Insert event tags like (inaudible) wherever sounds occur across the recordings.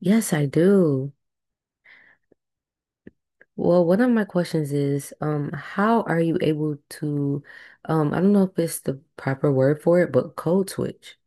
Yes, I do. Well, one of my questions is, how are you able to, I don't know if it's the proper word for it, but code switch.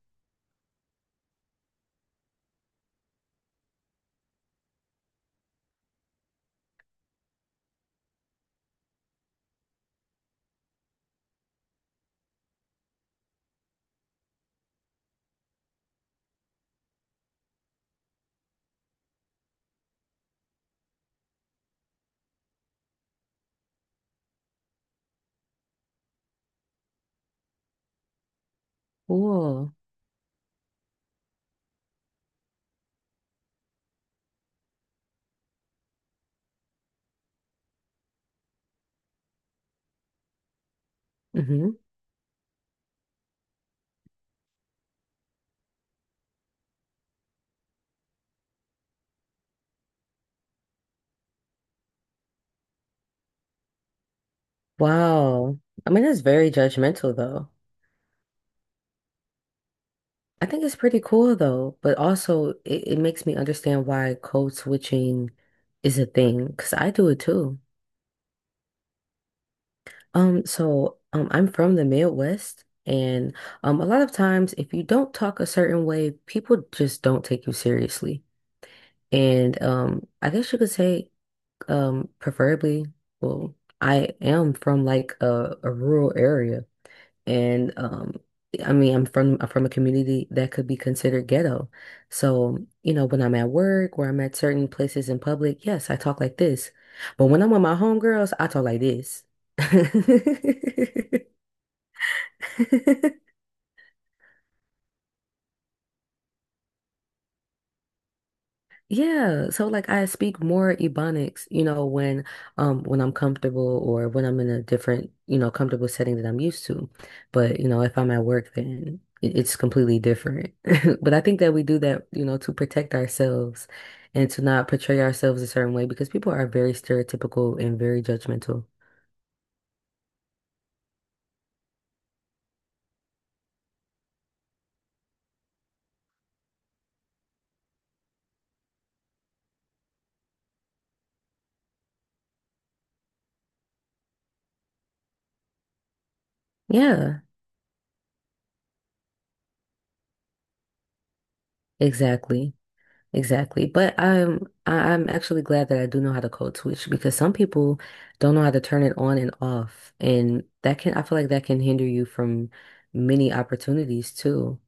Cool. Hmm. Wow. I mean, that's very judgmental though. I think it's pretty cool though, but also it makes me understand why code switching is a thing, because I do it too. So, I'm from the Midwest and, a lot of times if you don't talk a certain way, people just don't take you seriously. And I guess you could say, preferably, well, I am from like a rural area, and I mean, I'm from a community that could be considered ghetto. So, you know, when I'm at work or I'm at certain places in public, yes, I talk like this. But when I'm with my homegirls, I talk like this. (laughs) Yeah, so like I speak more Ebonics, you know, when I'm comfortable or when I'm in a different, you know, comfortable setting that I'm used to. But, you know, if I'm at work then it's completely different. (laughs) But I think that we do that, you know, to protect ourselves and to not portray ourselves a certain way because people are very stereotypical and very judgmental. Yeah, exactly. Exactly. But I'm actually glad that I do know how to code switch because some people don't know how to turn it on and off. And that can I feel like that can hinder you from many opportunities too.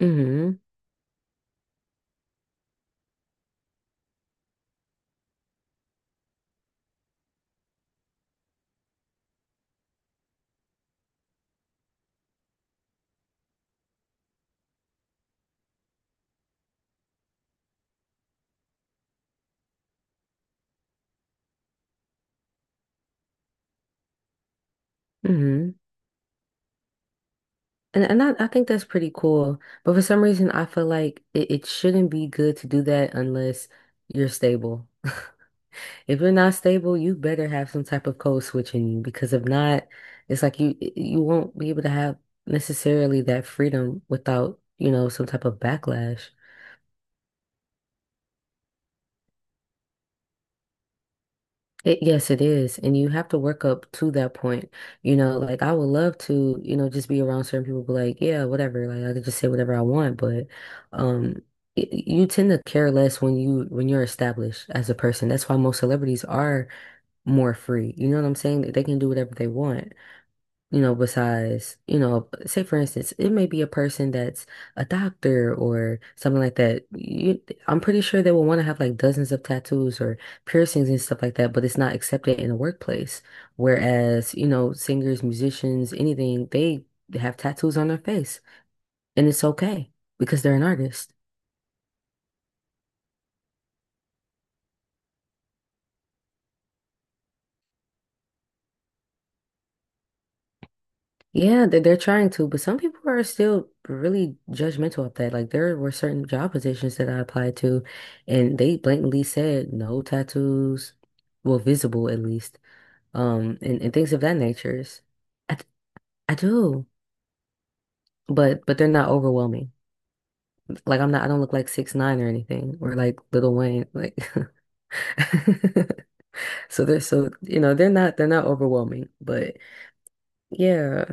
Hmm. Hmm. And I think that's pretty cool. But for some reason I feel like it shouldn't be good to do that unless you're stable. If you're not stable, you better have some type of code switch in you because if not, it's like you won't be able to have necessarily that freedom without, you know, some type of backlash. It, yes, it is. And you have to work up to that point. You know, like I would love to, you know, just be around certain people, be like, yeah, whatever. Like I could just say whatever I want, but um you tend to care less when you're established as a person. That's why most celebrities are more free. You know what I'm saying? They can do whatever they want. You know, besides, you know, say for instance, it may be a person that's a doctor or something like that. I'm pretty sure they will want to have like dozens of tattoos or piercings and stuff like that, but it's not accepted in the workplace. Whereas, you know, singers, musicians, anything, they have tattoos on their face and it's okay because they're an artist. Yeah, they're trying to, but some people are still really judgmental of that. Like there were certain job positions that I applied to, and they blatantly said no tattoos, well, visible at least, and things of that nature. I d- I do, but they're not overwhelming. Like I don't look like six nine or anything, or like Little Wayne, like. (laughs) So you know they're not overwhelming, but yeah.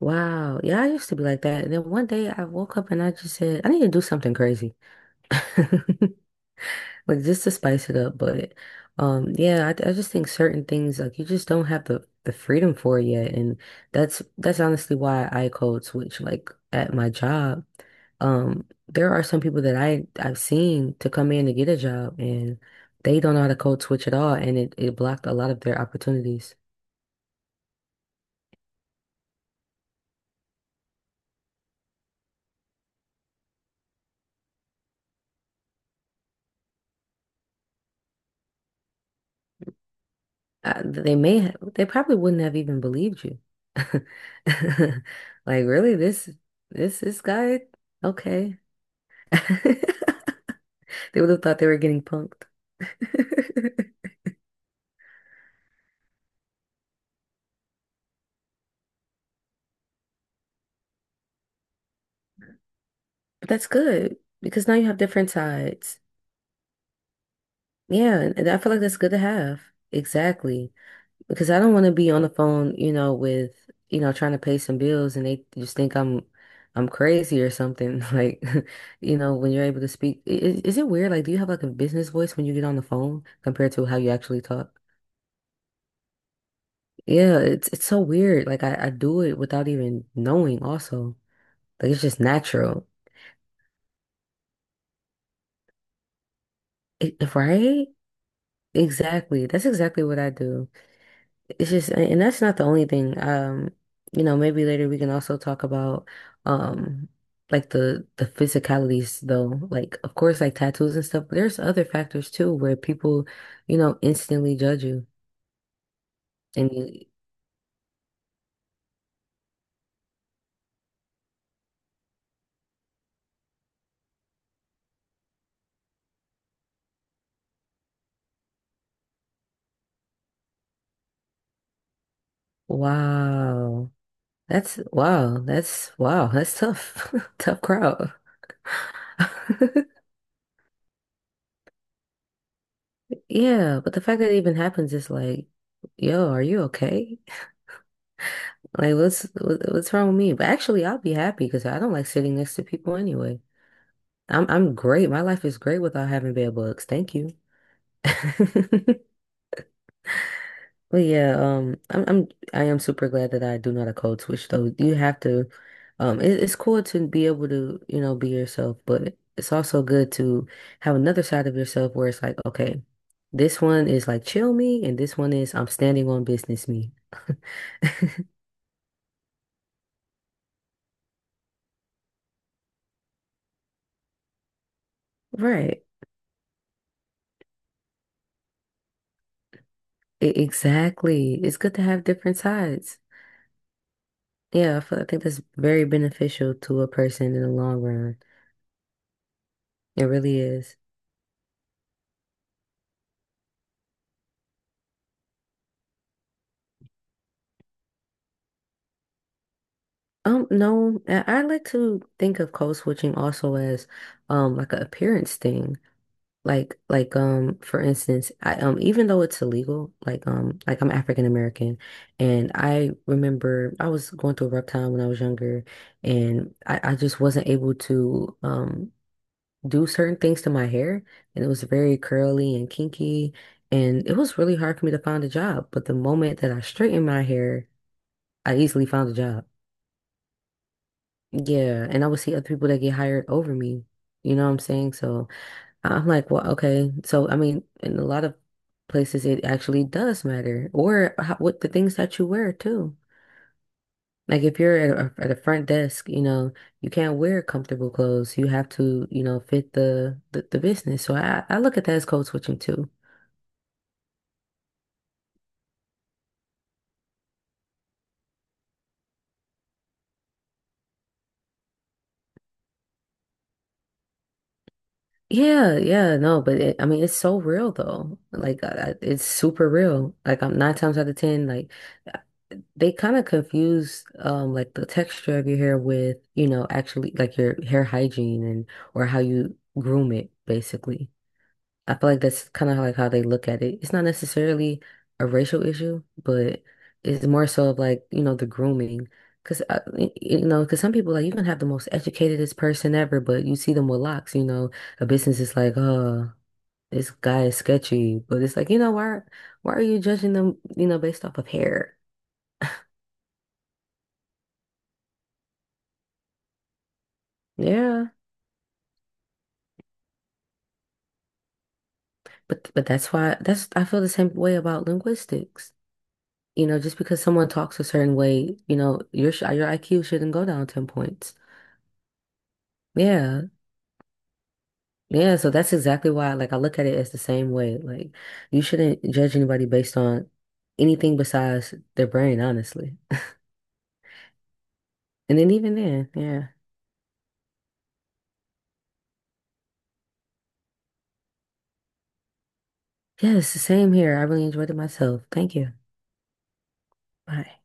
Wow. Yeah, I used to be like that. And then one day I woke up and I just said, I need to do something crazy. (laughs) Like just to spice it up. But yeah, I just think certain things like you just don't have the freedom for it yet. And that's honestly why I code switch like at my job. There are some people that I've seen to come in to get a job and they don't know how to code switch at all and it blocked a lot of their opportunities. They may have, they probably wouldn't have even believed you. (laughs) Like, really, this this guy? Okay. (laughs) They would have thought they were getting punked. (laughs) But that's good because now you have different sides. Yeah, and I feel like that's good to have. Exactly. Because I don't want to be on the phone, you know, with, you know, trying to pay some bills and they just think I'm crazy or something. (laughs) Like, you know, when you're able to speak, is it weird? Like, do you have like a business voice when you get on the phone compared to how you actually talk? Yeah, it's so weird. Like I do it without even knowing also. Like it's just natural. Right? Exactly. That's exactly what I do. And that's not the only thing. You know, maybe later we can also talk about um like the physicalities though. Like of course like tattoos and stuff, but there's other factors too where people, you know, instantly judge you. And you Wow. That's wow, that's wow, that's tough. (laughs) Tough crowd. (laughs) Yeah, but the fact that it even happens is like, yo, are you okay? Like what's wrong with me? But actually I'll be happy because I don't like sitting next to people anyway. I'm great. My life is great without having bed bugs. Thank you. (laughs) But yeah, I am super glad that I do not a code switch though. You have to, it's cool to be able to, you know, be yourself, but it's also good to have another side of yourself where it's like, okay, this one is like chill me, and this one is I'm standing on business me. (laughs) Right. Exactly. It's good to have different sides. Yeah, I feel, I think that's very beneficial to a person in the long run. It really is. No, I like to think of code switching also as like an appearance thing. For instance, I even though it's illegal, I'm African American and I remember I was going through a rough time when I was younger and I just wasn't able to do certain things to my hair and it was very curly and kinky and it was really hard for me to find a job. But the moment that I straightened my hair, I easily found a job. Yeah, and I would see other people that get hired over me. You know what I'm saying? So I'm like, well, okay. So I mean, in a lot of places, it actually does matter, or what the things that you wear too. Like if you're at a front desk, you know, you can't wear comfortable clothes. You have to, you know, fit the business. So I look at that as code switching too. Yeah, yeah, no, but I mean, it's so real though. Like, it's super real. Like, I'm nine times out of ten, like. They kind of confuse like the texture of your hair with, you know, actually like your hair hygiene and or how you groom it, basically. I feel like that's kind of like how they look at it. It's not necessarily a racial issue, but it's more so of like, you know, the grooming. Because, because, some people, like, you can have the most educatedest person ever, but you see them with locks, you know, a business is like, oh, this guy is sketchy. But it's like, you know, why are you judging them, you know, based off of hair? Yeah. But that's I feel the same way about linguistics. You know, just because someone talks a certain way, you know, your IQ shouldn't go down 10 points. Yeah. Yeah, so that's exactly why like I look at it as the same way. Like you shouldn't judge anybody based on anything besides their brain, honestly. And then even then, yeah. Yes, same here. I really enjoyed it myself. Thank you. Bye.